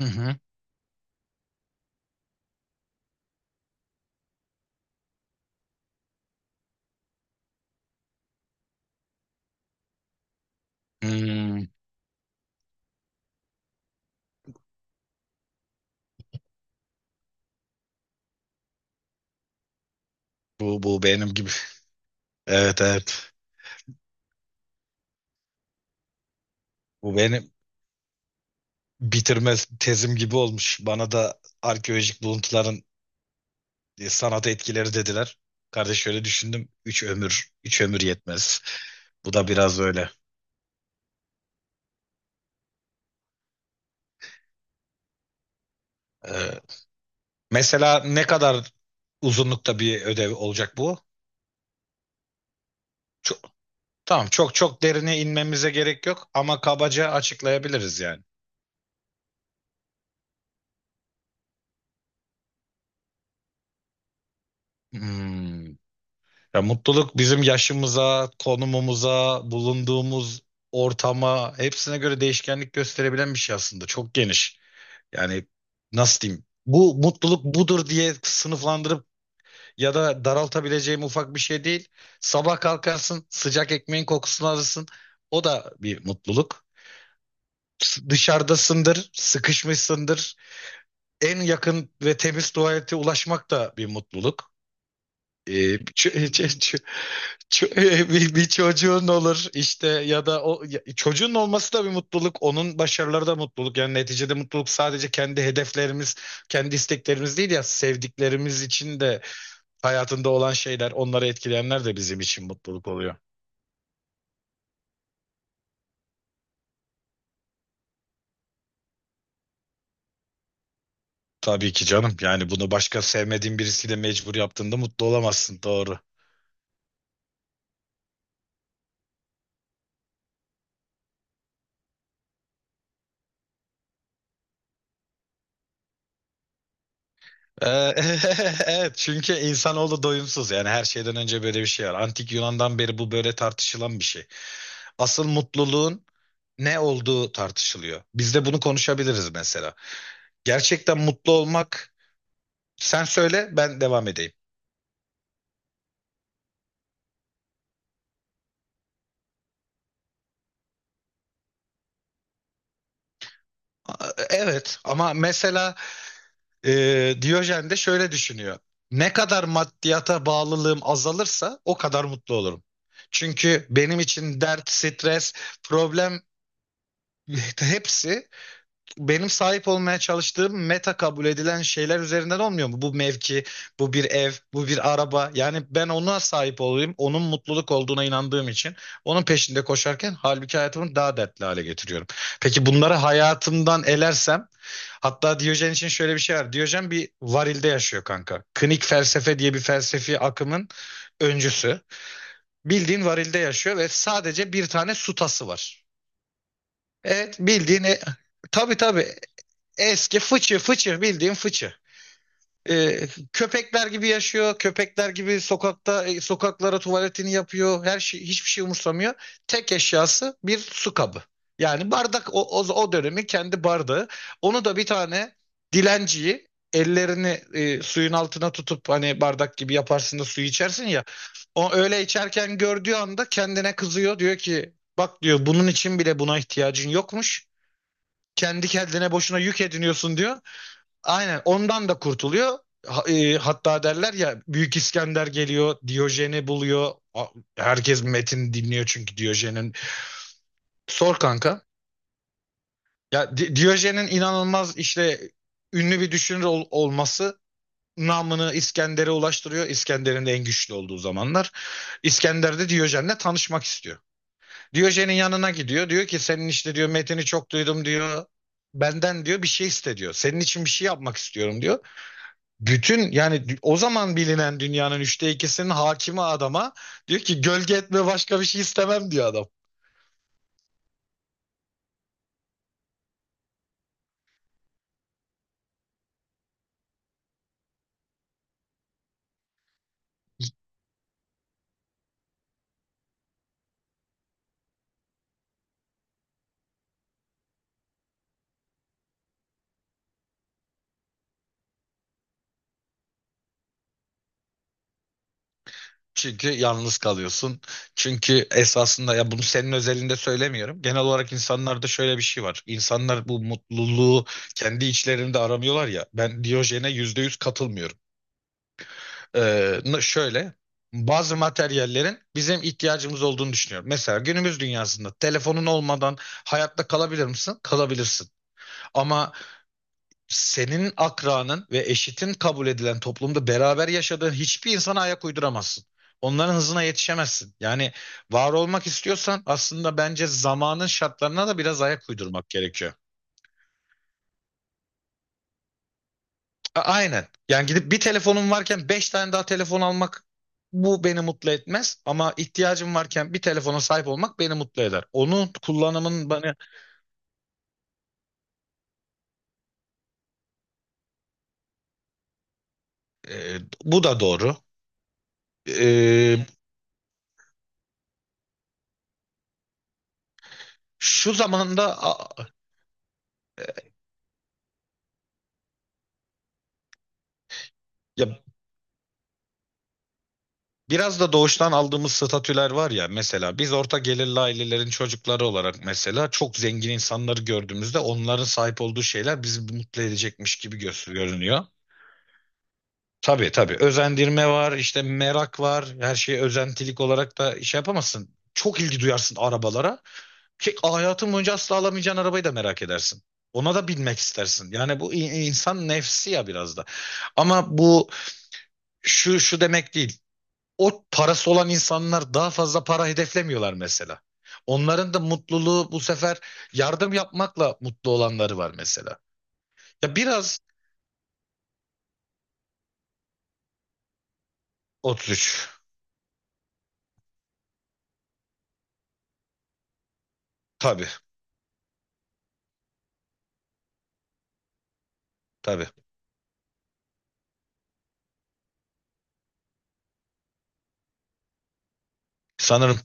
Hı hı. Hmm, bu benim gibi. Evet evet. Bu benim bitirme tezim gibi olmuş. Bana da arkeolojik buluntuların sanat etkileri dediler. Kardeş şöyle düşündüm. Üç ömür, üç ömür yetmez. Bu da biraz öyle. Ee, Mesela ne kadar uzunlukta bir ödev olacak bu? Çok, tamam, çok çok derine inmemize gerek yok ama kabaca açıklayabiliriz yani. Hmm. Ya mutluluk bizim yaşımıza, konumumuza, bulunduğumuz ortama, hepsine göre değişkenlik gösterebilen bir şey aslında. Çok geniş. Yani nasıl diyeyim? Bu mutluluk budur diye sınıflandırıp ya da daraltabileceğim ufak bir şey değil. Sabah kalkarsın, sıcak ekmeğin kokusunu alırsın. O da bir mutluluk. Dışarıdasındır, sıkışmışsındır. En yakın ve temiz tuvalete ulaşmak da bir mutluluk. Ee, ç- ç- Ço- bir çocuğun olur işte, ya da çocuğun olması da bir mutluluk, onun başarıları da mutluluk. Yani neticede mutluluk sadece kendi hedeflerimiz, kendi isteklerimiz değil, ya sevdiklerimiz için de hayatında olan şeyler, onları etkileyenler de bizim için mutluluk oluyor. Tabii ki canım. Yani bunu başka sevmediğin birisiyle mecbur yaptığında mutlu olamazsın. Doğru. Ee, Evet, çünkü insanoğlu doyumsuz, yani her şeyden önce böyle bir şey var. Antik Yunan'dan beri bu böyle tartışılan bir şey. Asıl mutluluğun ne olduğu tartışılıyor. Biz de bunu konuşabiliriz mesela. Gerçekten mutlu olmak. Sen söyle, ben devam edeyim. Evet, ama mesela Diyojen de şöyle düşünüyor. Ne kadar maddiyata bağlılığım azalırsa o kadar mutlu olurum. Çünkü benim için dert, stres, problem, hepsi benim sahip olmaya çalıştığım, meta kabul edilen şeyler üzerinden olmuyor mu? Bu mevki, bu bir ev, bu bir araba. Yani ben ona sahip olayım, onun mutluluk olduğuna inandığım için onun peşinde koşarken halbuki hayatımı daha dertli hale getiriyorum. Peki, bunları hayatımdan elersem, hatta Diyojen için şöyle bir şey var. Diyojen bir varilde yaşıyor kanka. Klinik felsefe diye bir felsefi akımın öncüsü. Bildiğin varilde yaşıyor ve sadece bir tane su tası var. Evet, bildiğin. Tabii, tabii. Eski fıçı, fıçı bildiğin fıçı. Ee, Köpekler gibi yaşıyor. Köpekler gibi sokakta, sokaklara tuvaletini yapıyor. Her şey, hiçbir şey umursamıyor. Tek eşyası bir su kabı. Yani bardak o dönemin kendi bardağı. Onu da bir tane dilenciyi, ellerini suyun altına tutup, hani bardak gibi yaparsın da suyu içersin ya. O öyle içerken gördüğü anda kendine kızıyor. Diyor ki, bak diyor, bunun için bile buna ihtiyacın yokmuş. Kendi kendine boşuna yük ediniyorsun diyor, aynen ondan da kurtuluyor. Hatta derler ya, Büyük İskender geliyor, Diyojen'i buluyor. Herkes metin dinliyor çünkü, Diyojen'in. Sor kanka. Ya Diyojen'in inanılmaz işte, ünlü bir düşünür olması, namını İskender'e ulaştırıyor. İskender'in de en güçlü olduğu zamanlar. İskender de Diyojen'le tanışmak istiyor. Diyojen'in yanına gidiyor. Diyor ki, senin işte diyor, metin'i çok duydum diyor. Benden diyor bir şey iste diyor. Senin için bir şey yapmak istiyorum diyor. Bütün, yani o zaman bilinen dünyanın üçte ikisinin hakimi adama diyor ki, gölge etme, başka bir şey istemem diyor adam. Çünkü yalnız kalıyorsun. Çünkü esasında, ya bunu senin özelinde söylemiyorum. Genel olarak insanlarda şöyle bir şey var. İnsanlar bu mutluluğu kendi içlerinde aramıyorlar ya. Ben Diyojen'e %100 katılmıyorum. Şöyle, bazı materyallerin bizim ihtiyacımız olduğunu düşünüyorum. Mesela günümüz dünyasında telefonun olmadan hayatta kalabilir misin? Kalabilirsin. Ama senin akranın ve eşitin kabul edilen toplumda, beraber yaşadığın hiçbir insana ayak uyduramazsın. Onların hızına yetişemezsin. Yani var olmak istiyorsan aslında, bence zamanın şartlarına da biraz ayak uydurmak gerekiyor. Aynen. Yani gidip bir telefonum varken beş tane daha telefon almak, bu beni mutlu etmez, ama ihtiyacım varken bir telefona sahip olmak beni mutlu eder. Onun kullanımın bana. e, Bu da doğru. E, Şu zamanda ya biraz da doğuştan aldığımız statüler var ya. Mesela biz, orta gelirli ailelerin çocukları olarak, mesela çok zengin insanları gördüğümüzde onların sahip olduğu şeyler bizi mutlu edecekmiş gibi görünüyor. Tabii tabii, özendirme var işte, merak var, her şeye özentilik olarak da şey yapamazsın. Çok ilgi duyarsın arabalara, ki hayatın boyunca asla alamayacağın arabayı da merak edersin. Ona da binmek istersin. Yani bu insan nefsi ya, biraz da. Ama bu şu demek değil, o parası olan insanlar daha fazla para hedeflemiyorlar mesela. Onların da mutluluğu, bu sefer yardım yapmakla mutlu olanları var mesela. Ya, biraz, 33. Tabii, tabii. Sanırım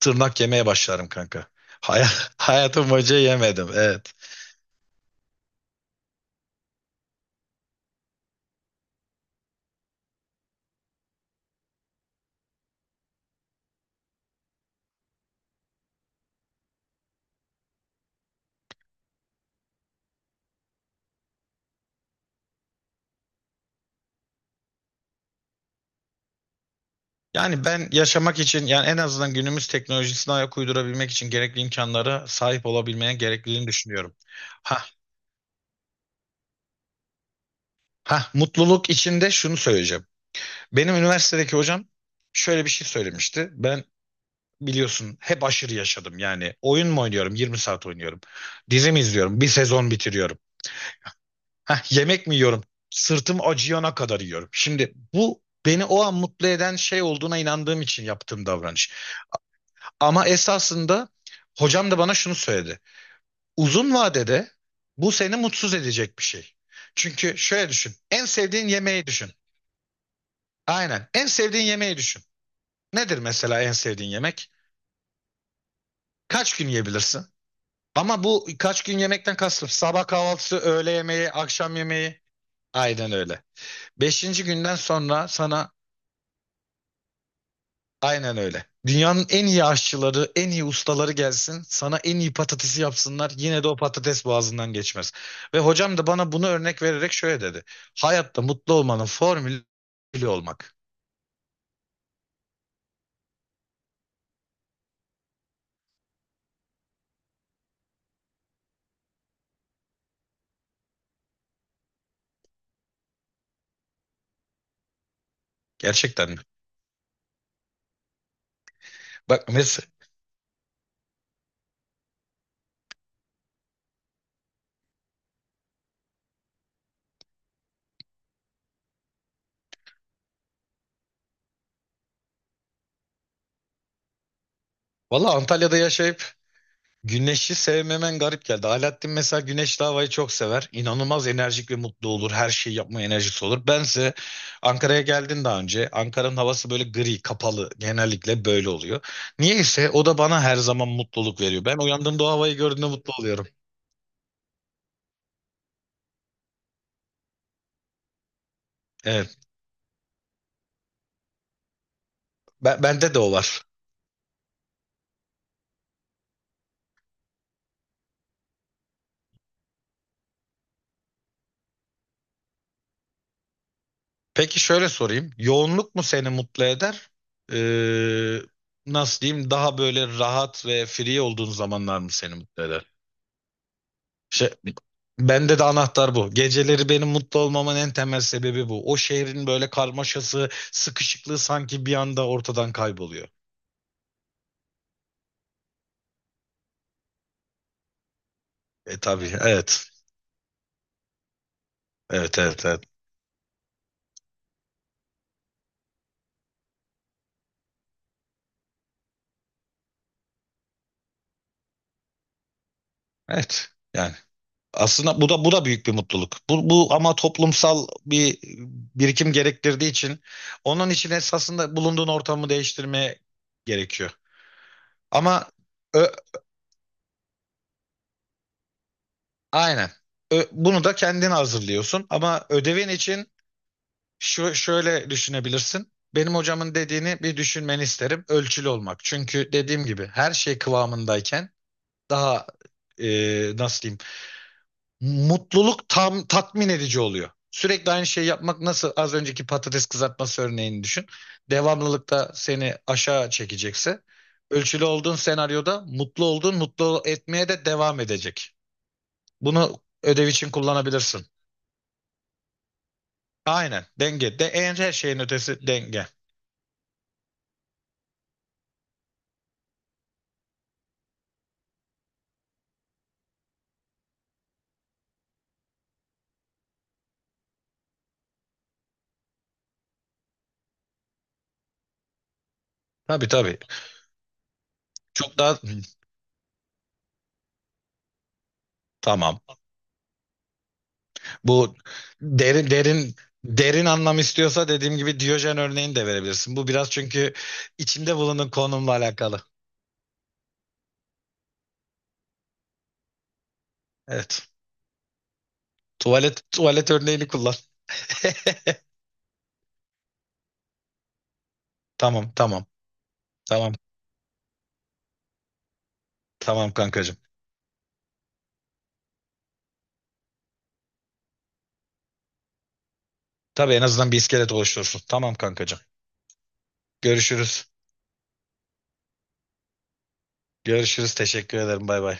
tırnak yemeye başlarım kanka. Hay Hayatım boyunca yemedim. Evet. Yani ben yaşamak için, yani en azından günümüz teknolojisine ayak uydurabilmek için gerekli imkanlara sahip olabilmeye gerekliliğini düşünüyorum. Ha, ha, mutluluk içinde şunu söyleyeceğim. Benim üniversitedeki hocam şöyle bir şey söylemişti. Ben biliyorsun hep aşırı yaşadım yani. Oyun mu oynuyorum? 20 saat oynuyorum. Dizi mi izliyorum? Bir sezon bitiriyorum. Heh, yemek mi yiyorum? Sırtım acıyana kadar yiyorum. Şimdi bu, beni o an mutlu eden şey olduğuna inandığım için yaptığım davranış. Ama esasında, hocam da bana şunu söyledi. Uzun vadede bu seni mutsuz edecek bir şey. Çünkü şöyle düşün. En sevdiğin yemeği düşün. Aynen. En sevdiğin yemeği düşün. Nedir mesela en sevdiğin yemek? Kaç gün yiyebilirsin? Ama bu kaç gün yemekten kastım: sabah kahvaltısı, öğle yemeği, akşam yemeği. Aynen öyle. Beşinci günden sonra sana. Aynen öyle. Dünyanın en iyi aşçıları, en iyi ustaları gelsin. Sana en iyi patatesi yapsınlar. Yine de o patates boğazından geçmez. Ve hocam da bana bunu örnek vererek şöyle dedi. Hayatta mutlu olmanın formülü, olmak. Gerçekten mi? Bak mesela, valla Antalya'da yaşayıp güneşi sevmemen garip geldi. Alaaddin mesela güneşli havayı çok sever. İnanılmaz enerjik ve mutlu olur. Her şeyi yapma enerjisi olur. Bense. Ankara'ya geldin daha önce. Ankara'nın havası böyle gri, kapalı. Genellikle böyle oluyor. Niyeyse o da bana her zaman mutluluk veriyor. Ben uyandığımda o havayı gördüğümde mutlu oluyorum. Evet. Bende de o var. Peki şöyle sorayım: yoğunluk mu seni mutlu eder? Ee, Nasıl diyeyim? Daha böyle rahat ve free olduğun zamanlar mı seni mutlu eder? Şey, bende de anahtar bu. Geceleri benim mutlu olmamın en temel sebebi bu. O şehrin böyle karmaşası, sıkışıklığı sanki bir anda ortadan kayboluyor. E tabii, evet. Evet, evet, evet. Evet. Yani aslında bu da büyük bir mutluluk. Bu ama toplumsal bir birikim gerektirdiği için, onun için esasında bulunduğun ortamı değiştirmeye gerekiyor. Ama ö- aynen. Bunu da kendin hazırlıyorsun, ama ödevin için. Şu şöyle düşünebilirsin. Benim hocamın dediğini bir düşünmeni isterim. Ölçülü olmak. Çünkü dediğim gibi, her şey kıvamındayken daha nasıl diyeyim? Mutluluk tam tatmin edici oluyor. Sürekli aynı şeyi yapmak, nasıl, az önceki patates kızartması örneğini düşün. Devamlılıkta seni aşağı çekecekse, ölçülü olduğun senaryoda mutlu olduğun, mutlu etmeye de devam edecek. Bunu ödev için kullanabilirsin. Aynen, denge. De, en, her şeyin ötesi denge. Tabii tabii. Çok daha. Tamam. Bu derin derin derin anlam istiyorsa, dediğim gibi Diyojen örneğini de verebilirsin. Bu biraz, çünkü içinde bulunduğun konumla alakalı. Evet. Tuvalet örneğini kullan. Tamam, tamam. Tamam. Tamam kankacığım. Tabii, en azından bir iskelet oluşturursun. Tamam kankacığım. Görüşürüz. Görüşürüz. Teşekkür ederim. Bay bay.